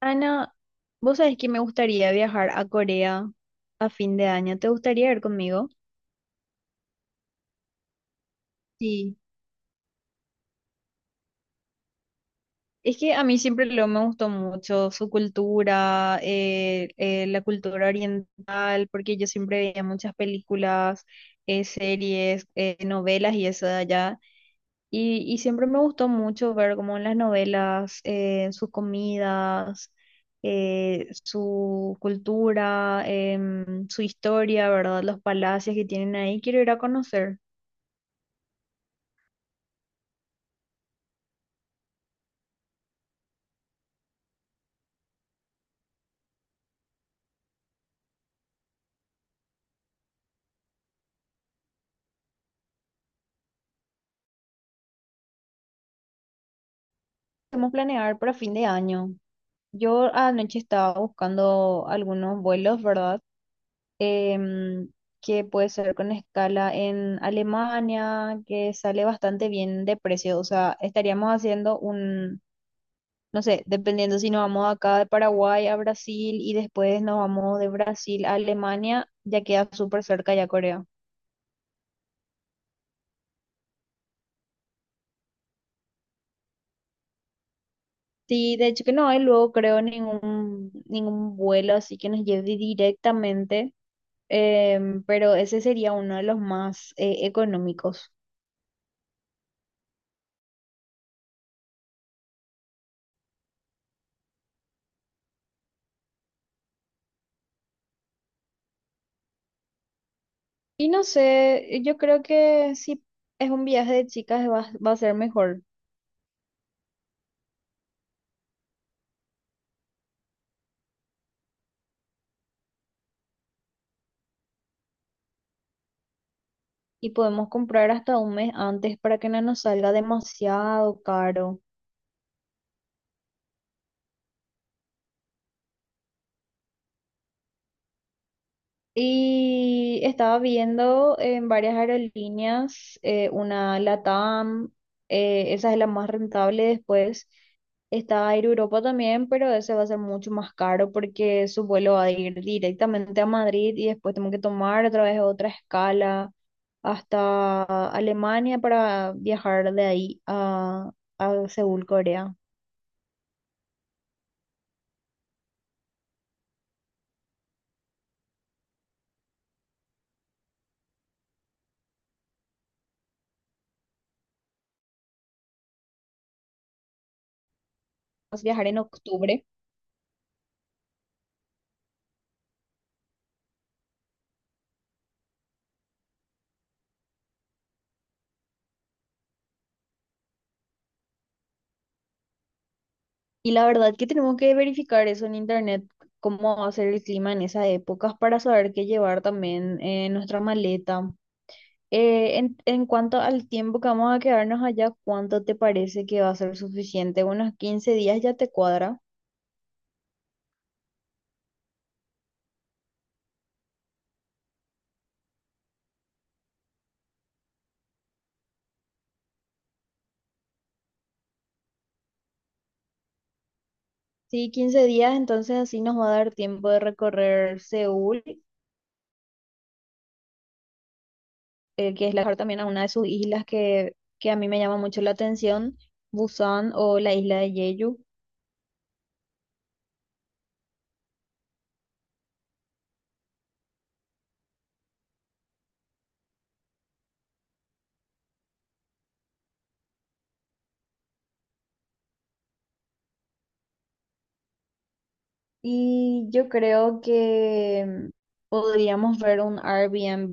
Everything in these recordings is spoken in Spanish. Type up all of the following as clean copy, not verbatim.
Ana, vos sabés que me gustaría viajar a Corea a fin de año. ¿Te gustaría ir conmigo? Sí. Es que a mí siempre lo me gustó mucho su cultura, la cultura oriental, porque yo siempre veía muchas películas, series, novelas y eso de allá. Y siempre me gustó mucho ver como en las novelas, sus comidas, su cultura, su historia, ¿verdad? Los palacios que tienen ahí. Quiero ir a conocer. Podemos planear para fin de año. Yo anoche estaba buscando algunos vuelos, ¿verdad? Em, que puede ser con escala en Alemania, que sale bastante bien de precio. O sea, estaríamos haciendo no sé, dependiendo si nos vamos acá de Paraguay a Brasil y después nos vamos de Brasil a Alemania, ya queda súper cerca ya Corea. Sí, de hecho que no hay luego creo ningún vuelo así que nos lleve directamente, pero ese sería uno de los más económicos. Y no sé, yo creo que si es un viaje de chicas va a ser mejor y podemos comprar hasta un mes antes para que no nos salga demasiado caro. Y estaba viendo en varias aerolíneas, una LATAM, esa es la más rentable. Después está Air Europa también, pero ese va a ser mucho más caro porque su vuelo va a ir directamente a Madrid y después tengo que tomar otra vez otra escala hasta Alemania para viajar de ahí a Seúl, Corea. Vamos a viajar en octubre. Y la verdad que tenemos que verificar eso en internet, cómo va a ser el clima en esa época para saber qué llevar también en nuestra maleta. En cuanto al tiempo que vamos a quedarnos allá, ¿cuánto te parece que va a ser suficiente? ¿Unos 15 días ya te cuadra? Sí, 15 días, entonces así nos va a dar tiempo de recorrer Seúl, que es la, también a una de sus islas que a mí me llama mucho la atención, Busan o la isla de Jeju. Y yo creo que podríamos ver un Airbnb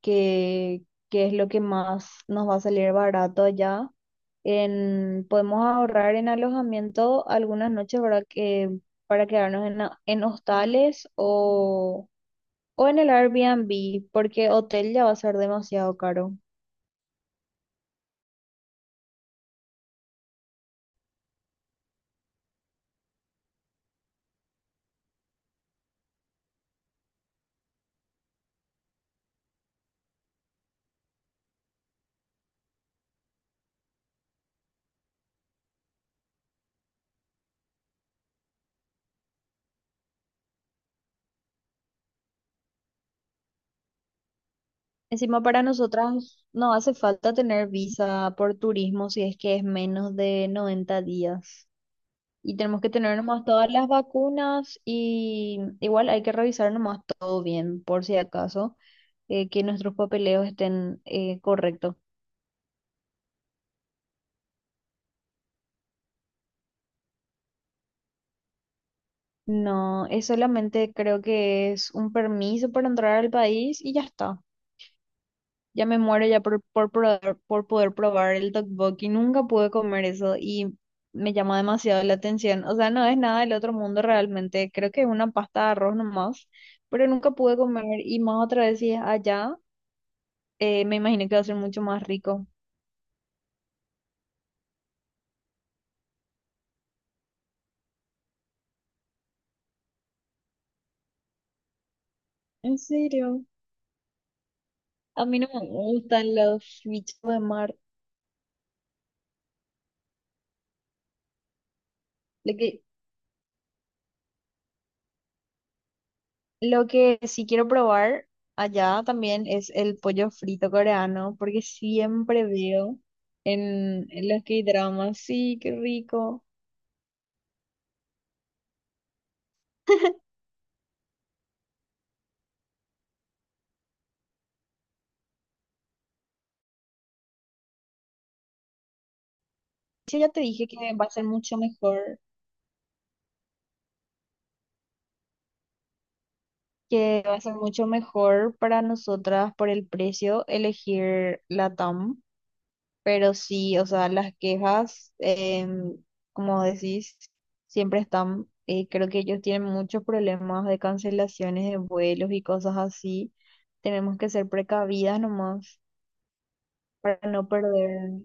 que, que es lo que más nos va a salir barato allá. En, podemos ahorrar en alojamiento algunas noches, ¿verdad? Que, para quedarnos en, en hostales o en el Airbnb, porque hotel ya va a ser demasiado caro. Encima para nosotras no hace falta tener visa por turismo si es que es menos de 90 días. Y tenemos que tener nomás todas las vacunas y igual hay que revisar nomás todo bien, por si acaso, que nuestros papeleos estén correctos. No, es solamente creo que es un permiso para entrar al país y ya está. Ya me muero ya por poder probar el tteokbokki. Nunca pude comer eso y me llama demasiado la atención. O sea, no es nada del otro mundo realmente. Creo que es una pasta de arroz nomás, pero nunca pude comer y más otra vez si es allá. Me imagino que va a ser mucho más rico. En serio, a mí no me gustan los bichos de mar. Lo que, lo que sí quiero probar allá también es el pollo frito coreano, porque siempre veo en los K-dramas, sí, qué rico. Yo ya te dije que va a ser mucho mejor, que va a ser mucho mejor para nosotras por el precio elegir Latam. Pero sí, o sea, las quejas, em, como decís, siempre están, creo que ellos tienen muchos problemas de cancelaciones de vuelos y cosas así. Tenemos que ser precavidas nomás para no perder.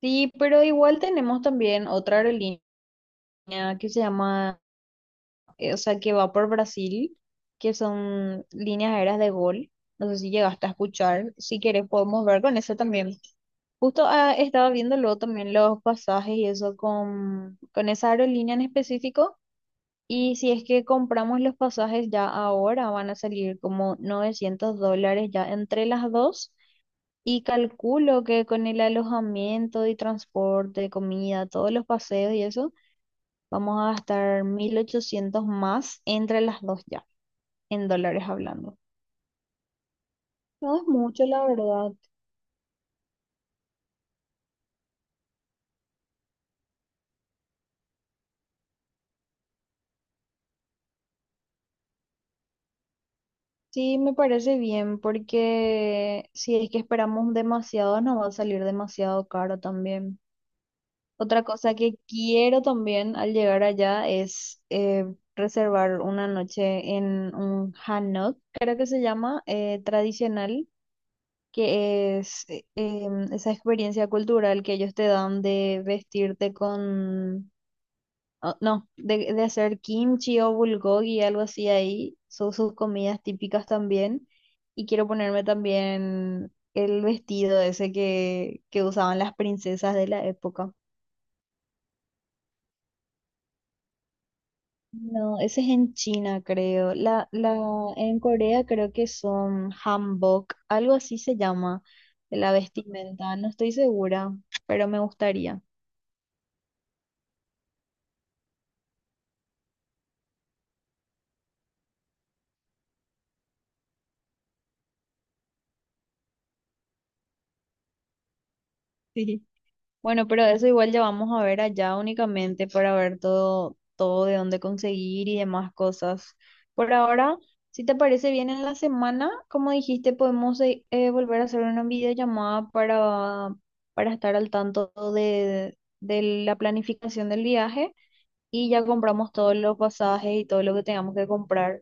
Sí, pero igual tenemos también otra aerolínea que se llama, o sea, que va por Brasil, que son líneas aéreas de Gol. No sé si llegaste a escuchar. Si quieres, podemos ver con eso también. Justo estaba viendo luego también los pasajes y eso con esa aerolínea en específico. Y si es que compramos los pasajes ya ahora, van a salir como $900 ya entre las dos. Y calculo que con el alojamiento y transporte, comida, todos los paseos y eso, vamos a gastar 1.800 más entre las dos ya, en dólares hablando. No es mucho, la verdad. Sí, me parece bien, porque si es que esperamos demasiado, nos va a salir demasiado caro también. Otra cosa que quiero también al llegar allá es reservar una noche en un hanok, creo que se llama, tradicional, que es esa experiencia cultural que ellos te dan de vestirte con o- no, de hacer kimchi o bulgogi, algo así ahí. Son sus comidas típicas también. Y quiero ponerme también el vestido ese que usaban las princesas de la época. No, ese es en China, creo. En Corea creo que son hanbok, algo así se llama, la vestimenta. No estoy segura, pero me gustaría. Bueno, pero eso igual ya vamos a ver allá únicamente para ver todo, todo de dónde conseguir y demás cosas. Por ahora, si te parece bien en la semana, como dijiste, podemos volver a hacer una videollamada para estar al tanto de la planificación del viaje y ya compramos todos los pasajes y todo lo que tengamos que comprar.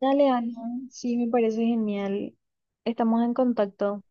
Dale, Ana, sí, me parece genial. Estamos en contacto.